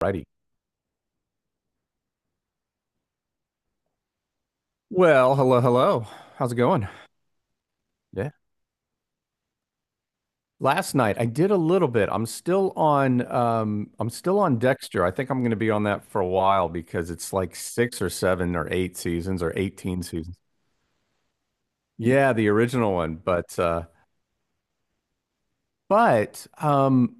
Righty. Well, hello, hello. How's it going? Yeah. Last night I did a little bit. I'm still on Dexter. I think I'm going to be on that for a while because it's like 6 or 7 or 8 seasons or 18 seasons. Yeah, the original one, but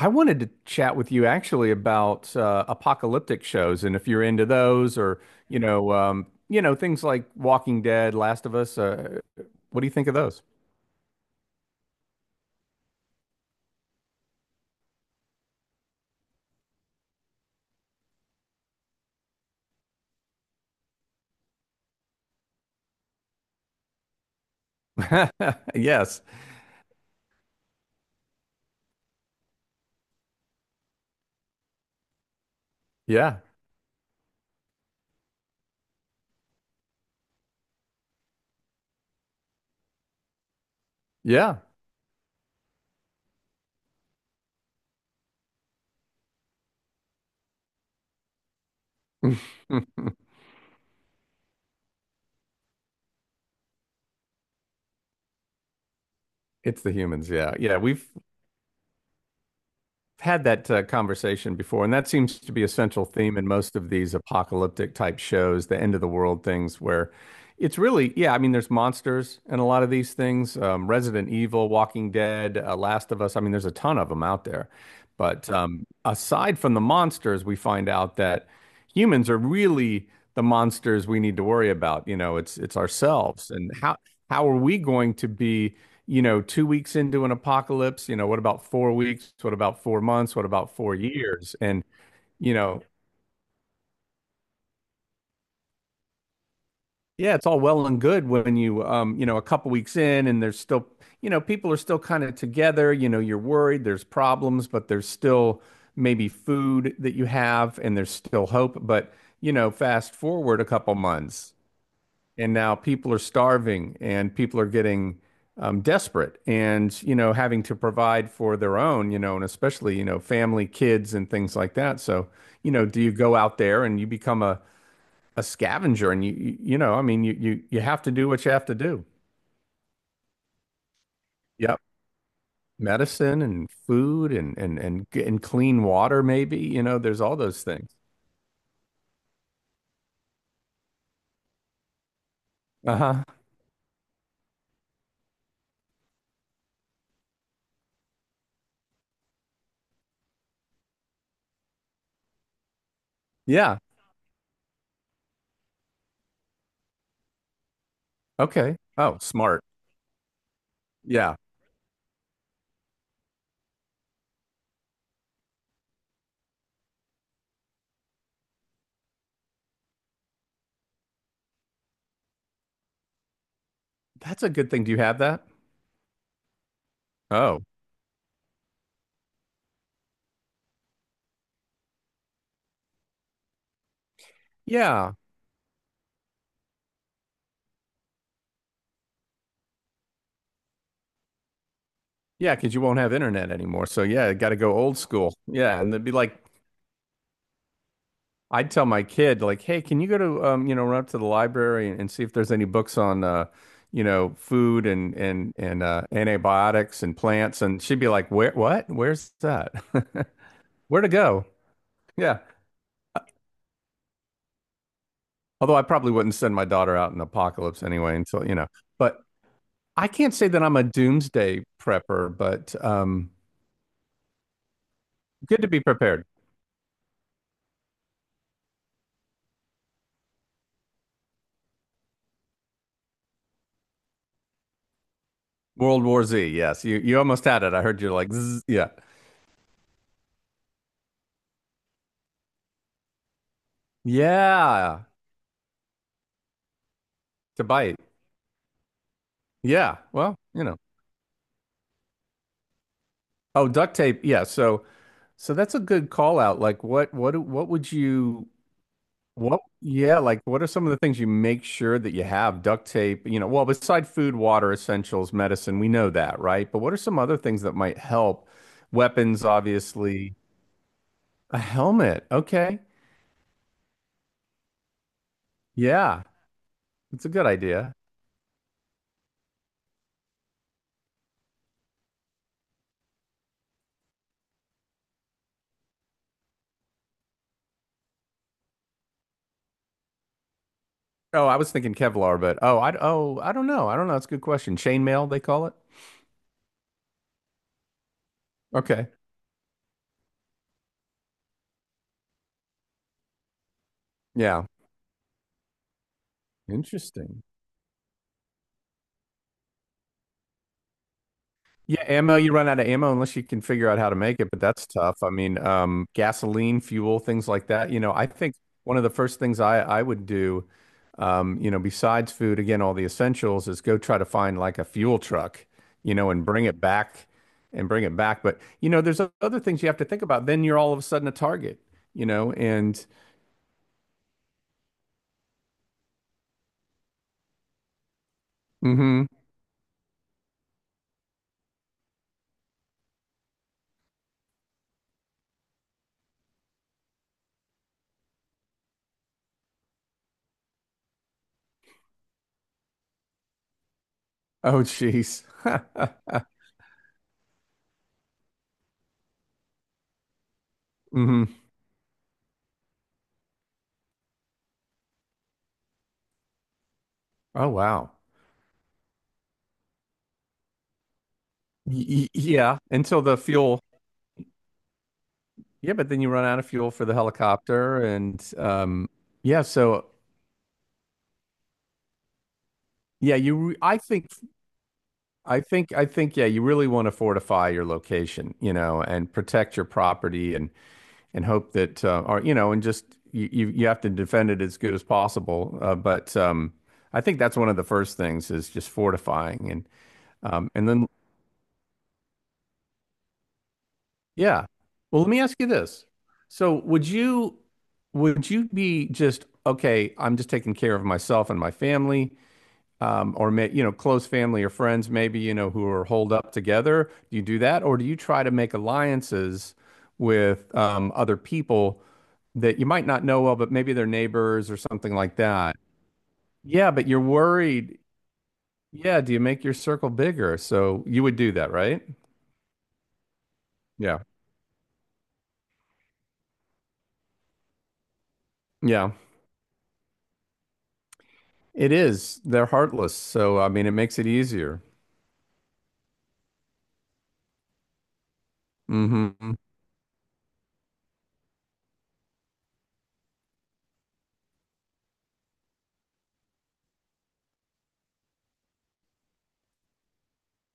I wanted to chat with you actually about apocalyptic shows and if you're into those, or, you know, things like Walking Dead, Last of Us, what do you think of those? Yes. Yeah. Yeah. It's the humans. Yeah. Yeah. We've had that conversation before, and that seems to be a central theme in most of these apocalyptic type shows, the end of the world things, where it's really, yeah, I mean, there's monsters and a lot of these things, Resident Evil, Walking Dead, Last of Us. I mean, there's a ton of them out there. But aside from the monsters, we find out that humans are really the monsters we need to worry about. You know, it's ourselves, and how are we going to be? You know, 2 weeks into an apocalypse, you know, what about 4 weeks? What about 4 months? What about 4 years? And, you know, yeah, it's all well and good when you, you know, a couple weeks in and there's still, you know, people are still kind of together, you know, you're worried, there's problems, but there's still maybe food that you have and there's still hope. But, you know, fast forward a couple months, and now people are starving and people are getting desperate, and, you know, having to provide for their own, you know, and especially, you know, family, kids, and things like that. So, you know, do you go out there and you become a scavenger? And you know, I mean, you have to do what you have to do. Yep. Medicine and food and clean water, maybe, you know, there's all those things. Uh-huh. Yeah. Okay. Oh, smart. Yeah. That's a good thing. Do you have that? Oh. yeah Yeah, because you won't have internet anymore. So yeah, got to go old school. Yeah, and it'd be like I'd tell my kid like, "Hey, can you go to you know, run up to the library and see if there's any books on you know, food and antibiotics and plants?" And she'd be like, "Where? What? Where's that? Where to go?" Yeah. Uh, although I probably wouldn't send my daughter out in the apocalypse anyway until, you know. But I can't say that I'm a doomsday prepper, but good to be prepared. World War Z, yes. You almost had it. I heard you like, Zzz, yeah. Yeah, to bite. Yeah. Well, you know. Oh, duct tape. Yeah. So, so that's a good call out. Like, what would you, what, yeah, like, what are some of the things you make sure that you have? Duct tape, you know, well, beside food, water, essentials, medicine, we know that, right? But what are some other things that might help? Weapons, obviously. A helmet. Okay. Yeah. It's a good idea. Oh, I was thinking Kevlar, but oh, I don't know. I don't know. That's a good question. Chainmail, they call it. Okay. Yeah. Interesting. Yeah, ammo, you run out of ammo unless you can figure out how to make it, but that's tough. I mean, gasoline, fuel, things like that. You know, I think one of the first things I would do, you know, besides food, again, all the essentials, is go try to find like a fuel truck, you know, and bring it back and bring it back. But, you know, there's other things you have to think about. Then you're all of a sudden a target, you know, and mm-hmm. Oh, jeez. Mm-hmm. Oh, wow. Yeah, until the fuel. Yeah, but then you run out of fuel for the helicopter, and yeah, so yeah, I think yeah, you really want to fortify your location, you know, and protect your property, and hope that, or, you know, and just you have to defend it as good as possible. But I think that's one of the first things is just fortifying, and then yeah. Well, let me ask you this. So, would you be just okay? I'm just taking care of myself and my family, or may, you know, close family or friends, maybe, you know, who are holed up together? Do you do that? Or do you try to make alliances with other people that you might not know well, but maybe they're neighbors or something like that? Yeah, but you're worried. Yeah, do you make your circle bigger? So you would do that, right? Yeah. Yeah. It is. They're heartless. So, I mean, it makes it easier. Hmm.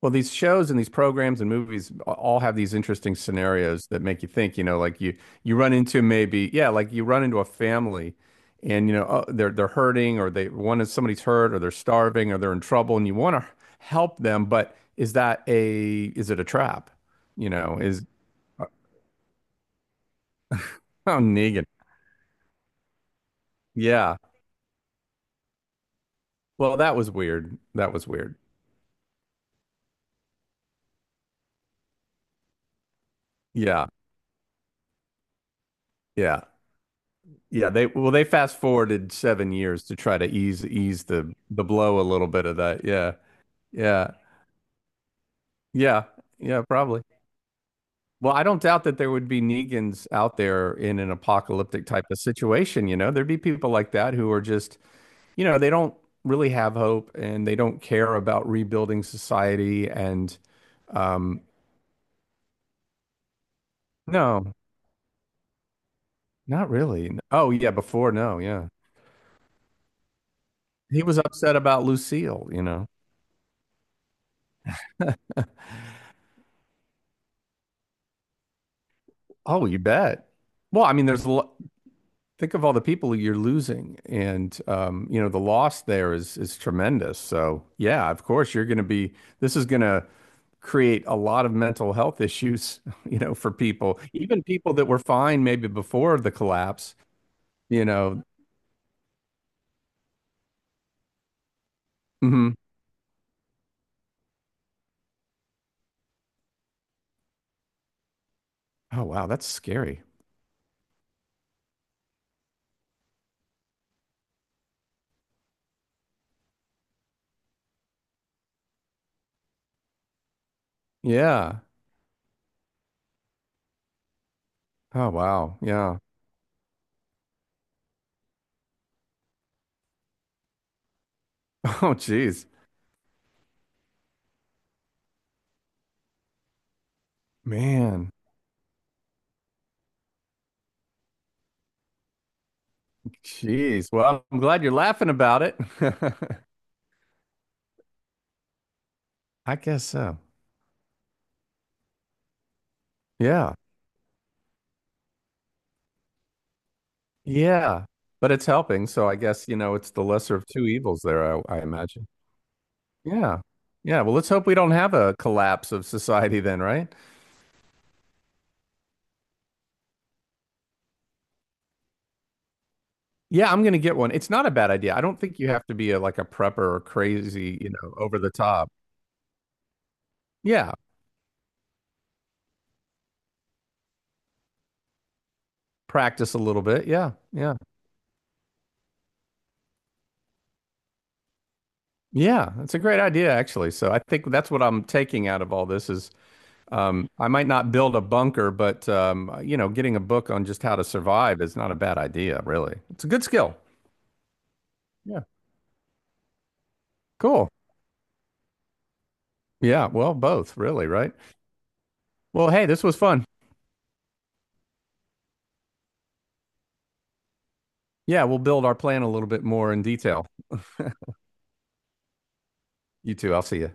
Well, these shows and these programs and movies all have these interesting scenarios that make you think, you know, like you run into maybe, yeah, like you run into a family and you know, oh, they're hurting, or they one is somebody's hurt, or they're starving or they're in trouble and you want to help them, but is that a is it a trap? You know, is oh, Negan. Yeah. Well, that was weird. That was weird. Yeah. Yeah. Yeah, they well they fast forwarded 7 years to try to ease the blow a little bit of that. Yeah. Yeah. Yeah, yeah, probably. Well, I don't doubt that there would be Negans out there in an apocalyptic type of situation, you know. There'd be people like that who are just, you know, they don't really have hope and they don't care about rebuilding society and um no, not really. Oh, yeah, before, no, yeah. He was upset about Lucille, you know. Oh, you bet. Well, I mean, there's a lot. Think of all the people you're losing, and you know, the loss there is tremendous. So yeah, of course you're going to be, this is going to create a lot of mental health issues. You know, for people, even people that were fine maybe before the collapse, you know. Mhm. Oh, wow, that's scary. Yeah. Oh, wow. Yeah. Oh, geez. Man. Jeez, well, I'm glad you're laughing about it. I guess so. Yeah. Yeah, but it's helping. So I guess, you know, it's the lesser of two evils there, I imagine. Yeah. Yeah. Well, let's hope we don't have a collapse of society then, right? Yeah, I'm going to get one. It's not a bad idea. I don't think you have to be a, like a prepper or crazy, you know, over the top. Yeah. Practice a little bit. Yeah. Yeah. Yeah. That's a great idea, actually. So I think that's what I'm taking out of all this is I might not build a bunker, but, you know, getting a book on just how to survive is not a bad idea, really. It's a good skill. Yeah. Cool. Yeah, well, both, really, right? Well, hey, this was fun. Yeah, we'll build our plan a little bit more in detail. You too. I'll see you.